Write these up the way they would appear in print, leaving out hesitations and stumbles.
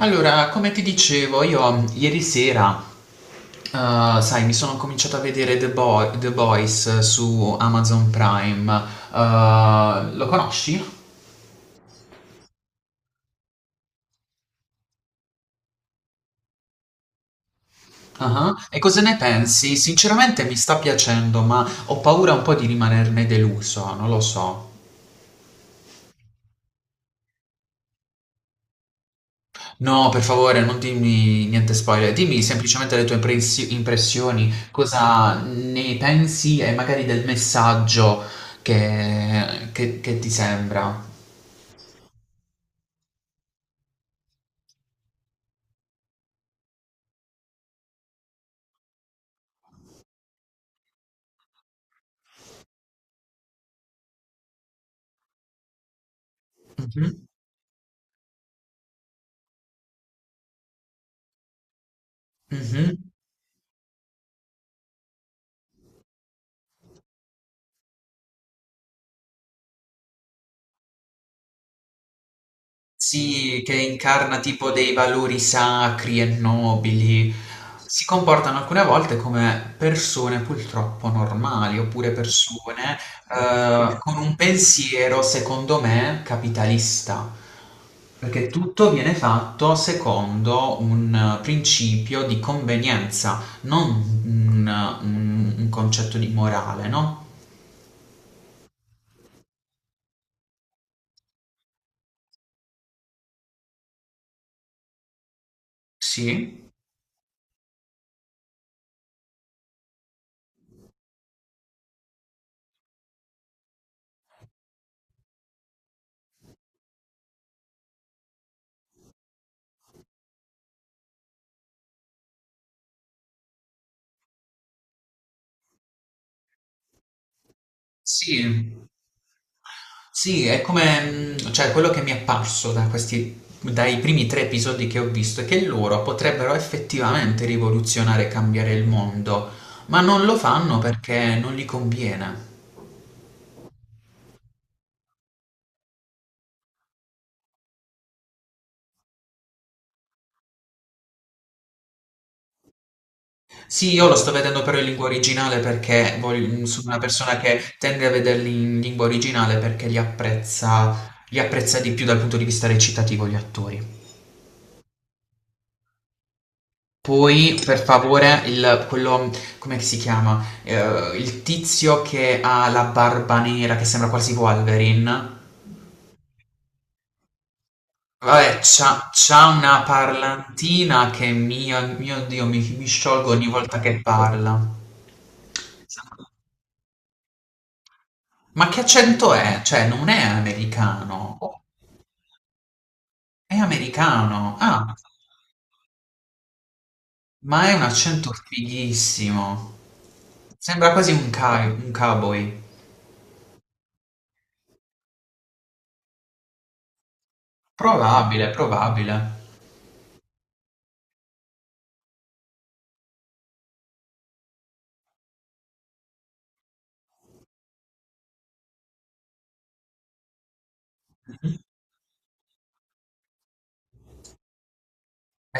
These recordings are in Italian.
Allora, come ti dicevo, io ieri sera, sai, mi sono cominciato a vedere The Boys su Amazon Prime. Lo conosci? Ah, e cosa ne pensi? Sinceramente mi sta piacendo, ma ho paura un po' di rimanerne deluso, non lo so. No, per favore, non dimmi niente spoiler, dimmi semplicemente le tue impressioni, cosa ne pensi e magari del messaggio che ti sembra. Mhm. Mhm. Sì, che incarna tipo dei valori sacri e nobili. Si comportano alcune volte come persone purtroppo normali, oppure persone con un pensiero, secondo me, capitalista, perché tutto viene fatto secondo un principio di convenienza, non un concetto di morale, no? Sì, sì. Sì, è come, cioè, quello che mi è apparso da questi, dai primi tre episodi che ho visto è che loro potrebbero effettivamente rivoluzionare e cambiare il mondo, ma non lo fanno perché non gli conviene. Sì, io lo sto vedendo però in lingua originale perché sono una persona che tende a vederli in lingua originale perché li apprezza di più dal punto di vista recitativo gli attori. Poi per favore il quello come si chiama? Il tizio che ha la barba nera che sembra quasi Wolverine. Vabbè, c'ha una parlantina che mio Dio, mi sciolgo ogni volta che parla. Ma che accento è? Cioè, non è americano. È americano. Ah, ma è un accento fighissimo. Sembra quasi un cowboy. Probabile, probabile.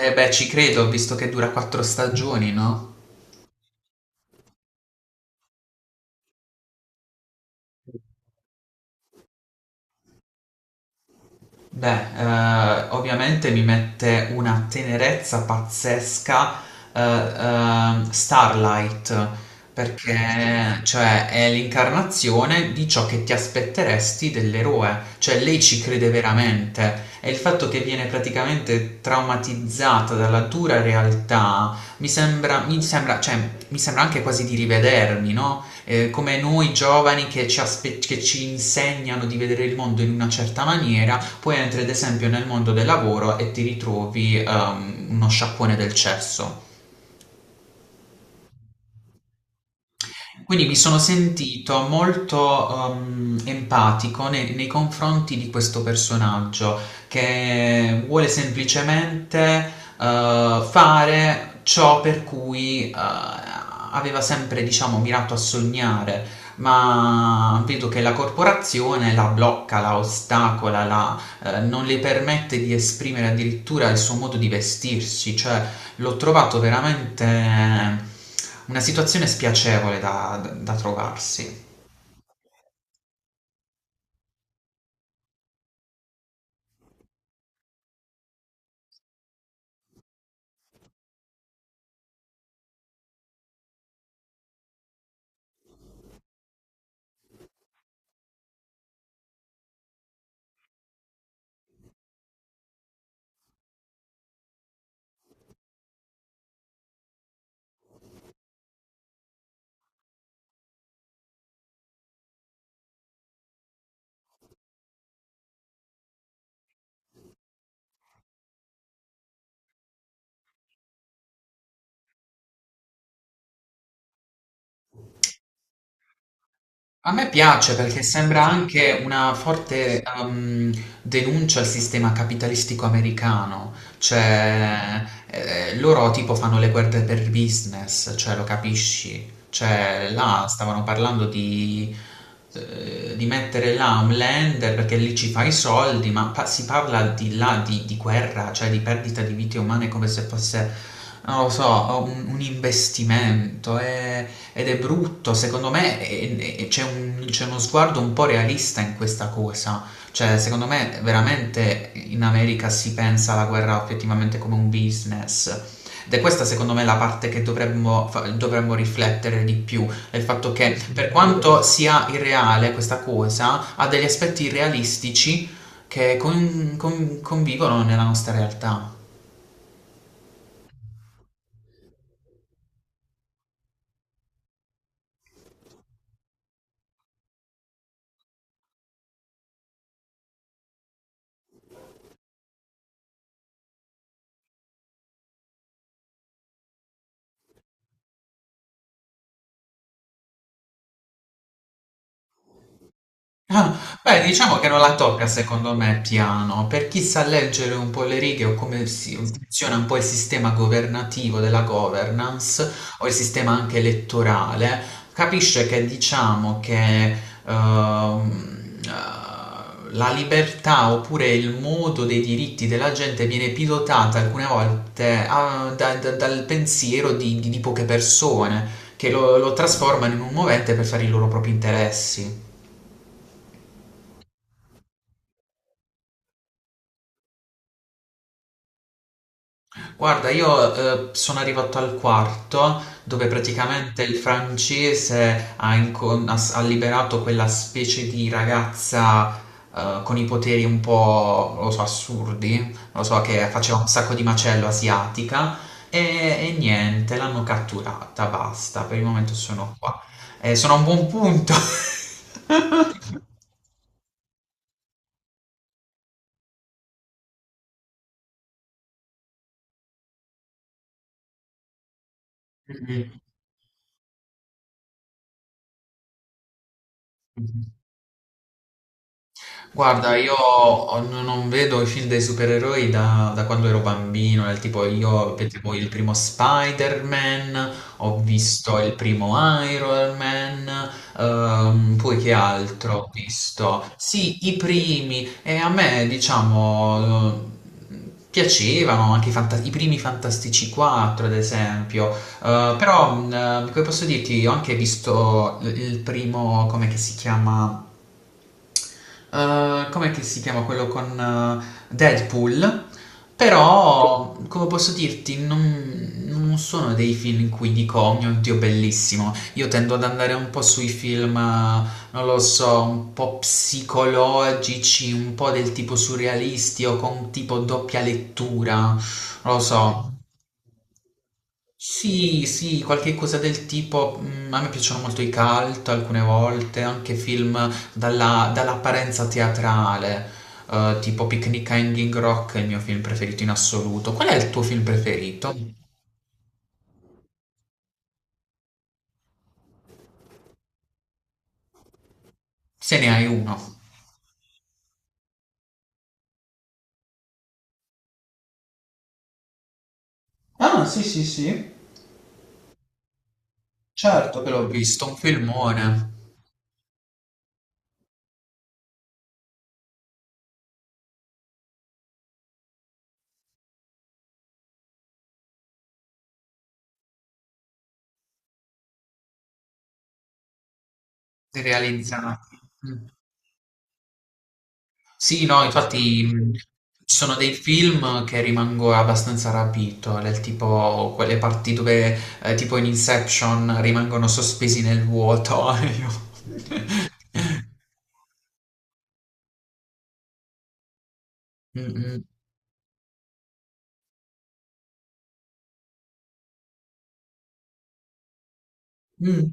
Eh beh, ci credo, visto che dura quattro stagioni, no? Beh, ovviamente mi mette una tenerezza pazzesca, Starlight, perché cioè, è l'incarnazione di ciò che ti aspetteresti dell'eroe, cioè lei ci crede veramente e il fatto che viene praticamente traumatizzata dalla dura realtà cioè, mi sembra anche quasi di rivedermi, no? Come noi giovani che che ci insegnano di vedere il mondo in una certa maniera, poi entri ad esempio nel mondo del lavoro e ti ritrovi uno sciacquone del cesso. Quindi mi sono sentito molto empatico nei confronti di questo personaggio che vuole semplicemente fare ciò per cui aveva sempre, diciamo, mirato a sognare, ma vedo che la corporazione la blocca, la ostacola, la non le permette di esprimere addirittura il suo modo di vestirsi, cioè l'ho trovato veramente, una situazione spiacevole da trovarsi. A me piace perché sembra anche una forte denuncia al sistema capitalistico americano, cioè loro tipo fanno le guerre per business, cioè lo capisci. Cioè, là stavano parlando di mettere là un lander perché lì ci fai i soldi, ma si parla di là di, guerra, cioè di perdita di vite umane come se fosse, non lo so, un investimento. Ed è brutto, secondo me c'è uno sguardo un po' realista in questa cosa. Cioè, secondo me veramente in America si pensa alla guerra effettivamente come un business, ed è questa secondo me la parte che dovremmo riflettere di più. È il fatto che per quanto sia irreale questa cosa, ha degli aspetti realistici che convivono nella nostra realtà. Ah, beh, diciamo che non la tocca secondo me piano, per chi sa leggere un po' le righe o come funziona un po' il sistema governativo della governance o il sistema anche elettorale, capisce che diciamo che la libertà oppure il modo dei diritti della gente viene pilotata alcune volte, dal pensiero di, di poche persone che lo trasformano in un movente per fare i loro propri interessi. Guarda, io sono arrivato al quarto, dove praticamente il francese ha, incon- ha s- ha liberato quella specie di ragazza con i poteri un po', non lo so, assurdi, non lo so, che faceva un sacco di macello, asiatica, e, e, niente, l'hanno catturata, basta, per il momento sono qua. Sono a un buon punto. Mhm. Guarda, io non vedo i film dei supereroi da quando ero bambino, del tipo io vedevo il primo Spider-Man, ho visto il primo Iron Man, poi che altro ho visto? Sì, i primi, e a me diciamo piacevano anche i primi Fantastici 4, ad esempio. Però come posso dirti, ho anche visto il primo, come che si chiama? Com'è che si chiama quello con, Deadpool? Però, come posso dirti, non, sono dei film in cui dico, oh mio Dio, bellissimo. Io tendo ad andare un po' sui film, non lo so, un po' psicologici, un po' del tipo surrealisti o con tipo doppia lettura, non lo so. Sì, sì, qualche cosa del tipo. A me piacciono molto i cult alcune volte, anche film dall'apparenza teatrale, tipo Picnic a Hanging Rock è il mio film preferito in assoluto. Qual è il tuo film preferito? Se ne hai uno. Ah, sì, sì, sì, certo. Quello ho visto, un filmone realizzato. Sì, no, infatti, ci sono dei film che rimango abbastanza rapito, del tipo quelle parti dove, tipo in Inception, rimangono sospesi nel vuoto. Mm, mm, mm.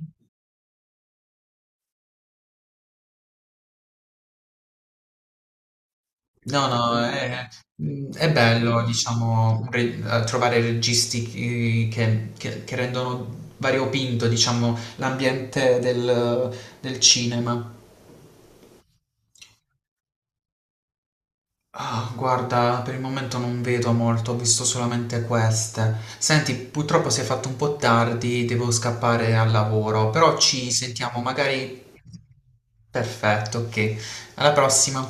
No, no, è bello, diciamo, trovare registi, che rendono variopinto, diciamo, l'ambiente del cinema. Ah, guarda, per il momento non vedo molto, ho visto solamente queste. Senti, purtroppo si è fatto un po' tardi, devo scappare al lavoro, però ci sentiamo magari... Perfetto, ok. Alla prossima.